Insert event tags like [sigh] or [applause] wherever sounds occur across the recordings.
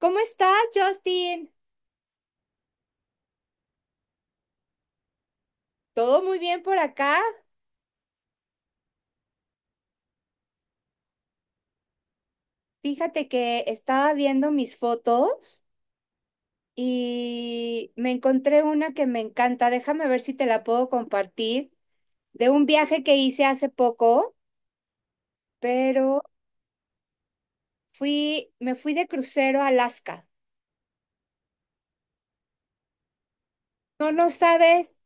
¿Cómo estás, Justin? Todo muy bien por acá. Fíjate que estaba viendo mis fotos y me encontré una que me encanta. Déjame ver si te la puedo compartir. De un viaje que hice hace poco, pero me fui de crucero a Alaska. No, no sabes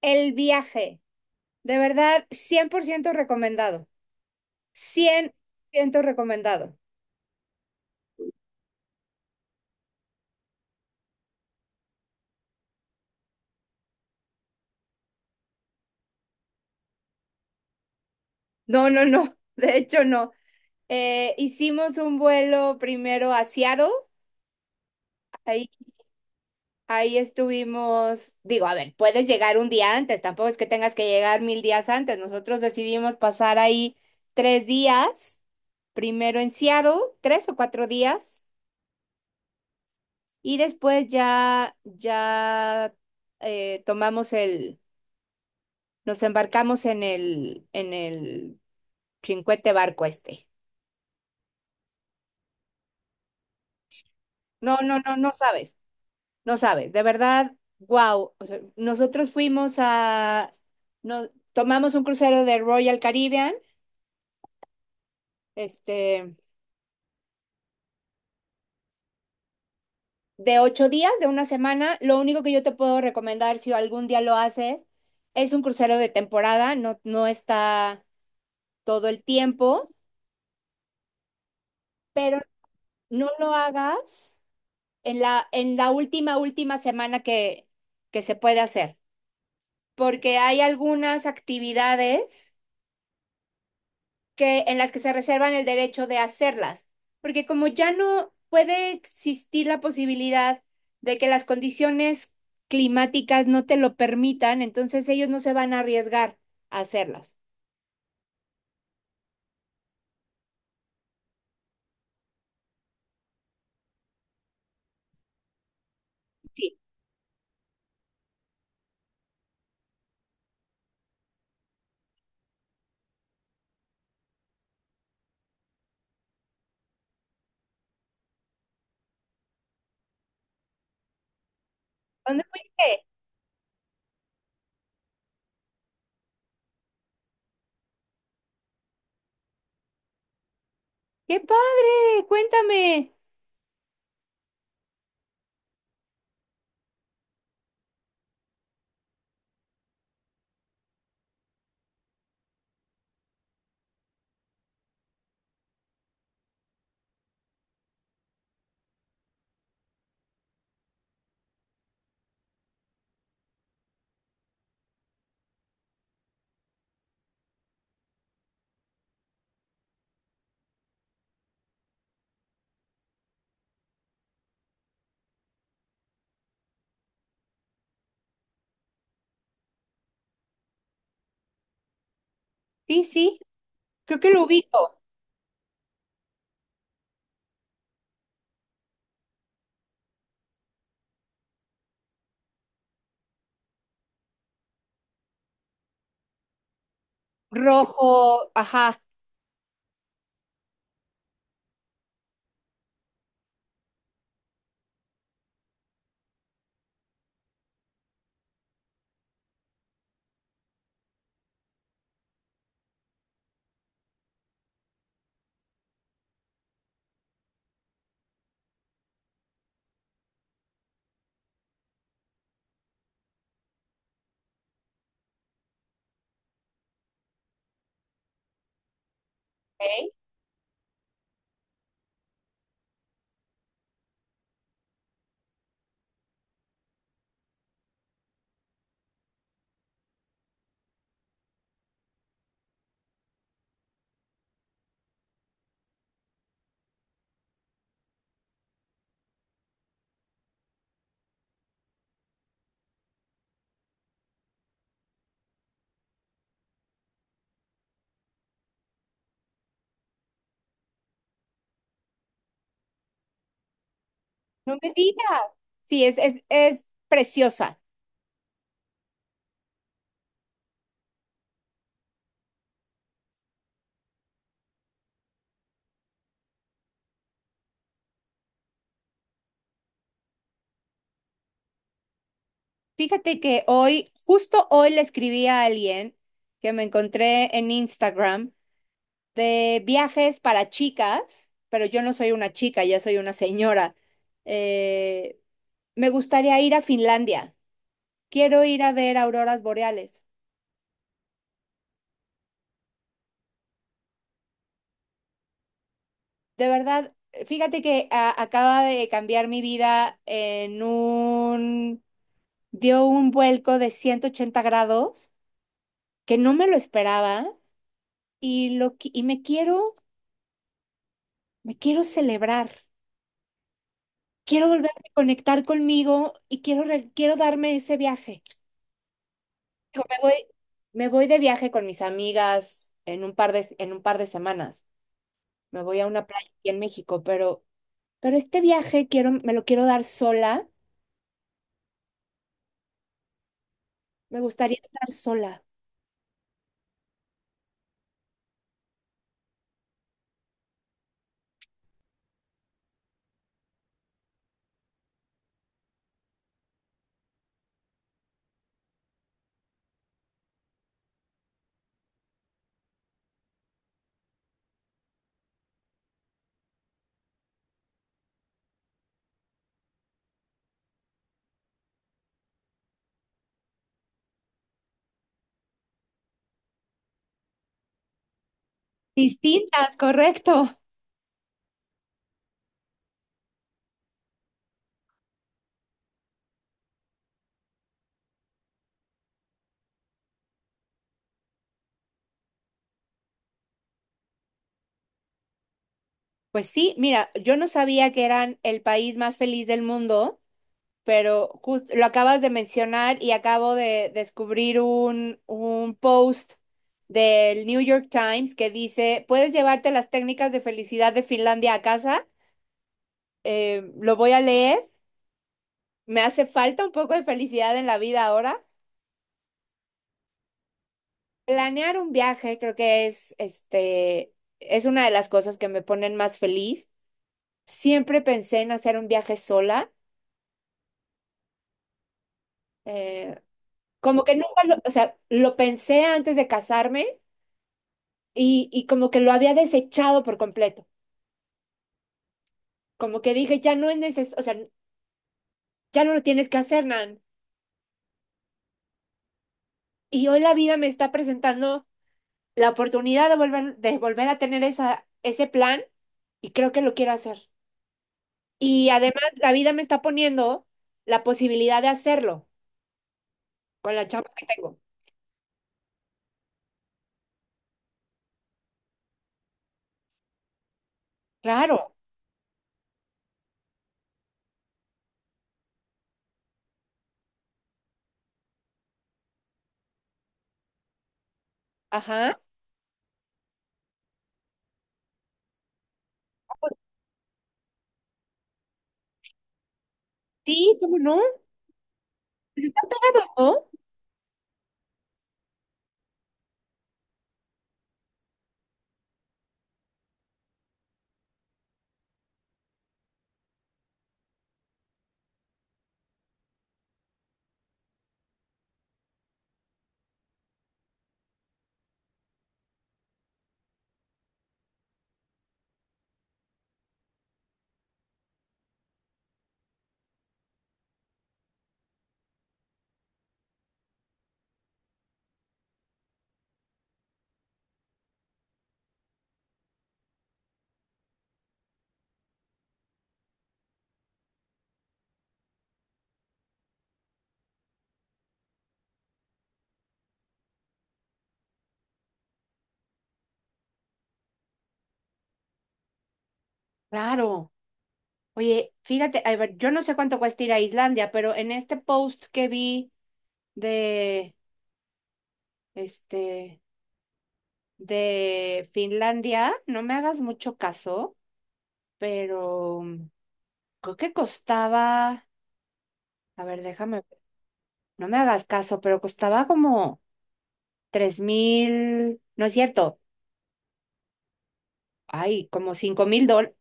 el viaje. De verdad, 100% recomendado. 100% recomendado. No, no, no. [laughs] De hecho, no, hicimos un vuelo primero a Seattle. Ahí, ahí estuvimos, digo, a ver, puedes llegar un día antes, tampoco es que tengas que llegar mil días antes. Nosotros decidimos pasar ahí 3 días, primero en Seattle, 3 o 4 días, y después ya eh, tomamos el, nos embarcamos en el chincuete barco este. No, no, no, no sabes. No sabes, de verdad, wow. O sea, nosotros no, tomamos un crucero de Royal Caribbean, este, de 8 días, de una semana. Lo único que yo te puedo recomendar, si algún día lo haces, es un crucero de temporada, no, no está todo el tiempo, pero no lo hagas en la última semana que se puede hacer, porque hay algunas actividades en las que se reservan el derecho de hacerlas, porque como ya no puede existir la posibilidad de que las condiciones climáticas no te lo permitan, entonces ellos no se van a arriesgar a hacerlas. Sí. ¿Dónde fuiste? ¡Qué padre! Cuéntame. Sí, sí, creo que lo ubico. Rojo, ajá. Ok. No me digas. Sí, es preciosa. Fíjate que hoy, justo hoy le escribí a alguien que me encontré en Instagram de viajes para chicas, pero yo no soy una chica, ya soy una señora. Eh, me gustaría ir a Finlandia. Quiero ir a ver auroras boreales. De verdad, fíjate que acaba de cambiar mi vida dio un vuelco de 180 grados que no me lo esperaba y, me quiero celebrar. Quiero volver a conectar conmigo y quiero darme ese viaje. Dijo, me voy de viaje con mis amigas en un par de semanas. Me voy a una playa aquí en México, pero este viaje quiero, me lo quiero dar sola. Me gustaría estar sola. Distintas, correcto. Pues sí, mira, yo no sabía que eran el país más feliz del mundo, pero justo lo acabas de mencionar y acabo de descubrir un post del New York Times que dice, ¿puedes llevarte las técnicas de felicidad de Finlandia a casa? Lo voy a leer. Me hace falta un poco de felicidad en la vida ahora. Planear un viaje creo que es una de las cosas que me ponen más feliz. Siempre pensé en hacer un viaje sola. eh, como que nunca o sea, lo pensé antes de casarme y como que lo había desechado por completo. Como que dije, ya no es o sea, ya no lo tienes que hacer, Nan. Y hoy la vida me está presentando la oportunidad de volver a tener ese plan y creo que lo quiero hacer. Y además la vida me está poniendo la posibilidad de hacerlo con la chamba que tengo. Claro, ajá. Sí, ¿cómo no? Pero están pegados, ¿no? Claro. Oye, fíjate, a ver, yo no sé cuánto cuesta ir a Islandia, pero en este post que vi de este de Finlandia, no me hagas mucho caso, pero creo que costaba, a ver, déjame. No me hagas caso, pero costaba como 3,000, no es cierto, ay, como 5,000 dólares,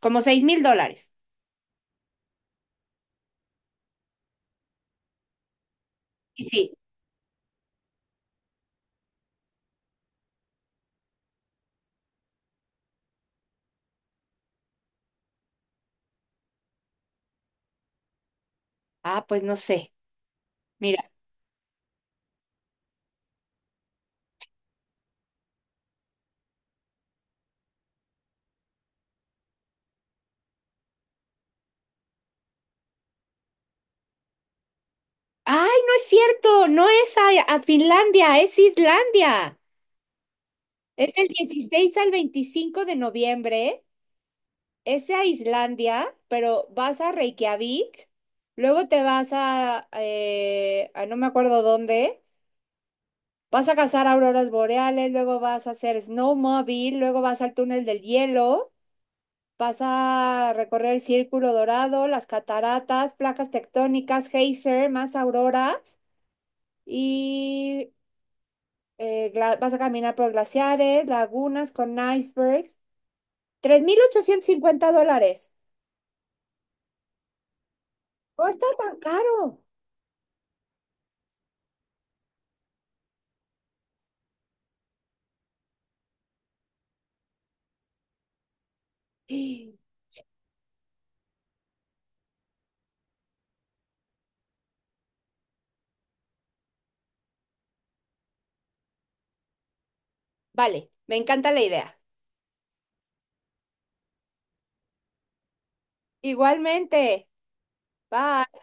como 6,000 dólares. Y sí, ah, pues no sé, mira, ay, no es cierto, no es a Finlandia, es Islandia. Es el 16 al 25 de noviembre, es a Islandia, pero vas a Reykjavik, luego te vas a no me acuerdo dónde. Vas a cazar auroras boreales, luego vas a hacer snowmobile, luego vas al túnel del hielo, vas a recorrer el círculo dorado, las cataratas, placas tectónicas, geyser, más auroras y vas a caminar por glaciares, lagunas con icebergs. 3,850 dólares. No está tan caro. [gasps] Vale, me encanta la idea. Igualmente. Bye.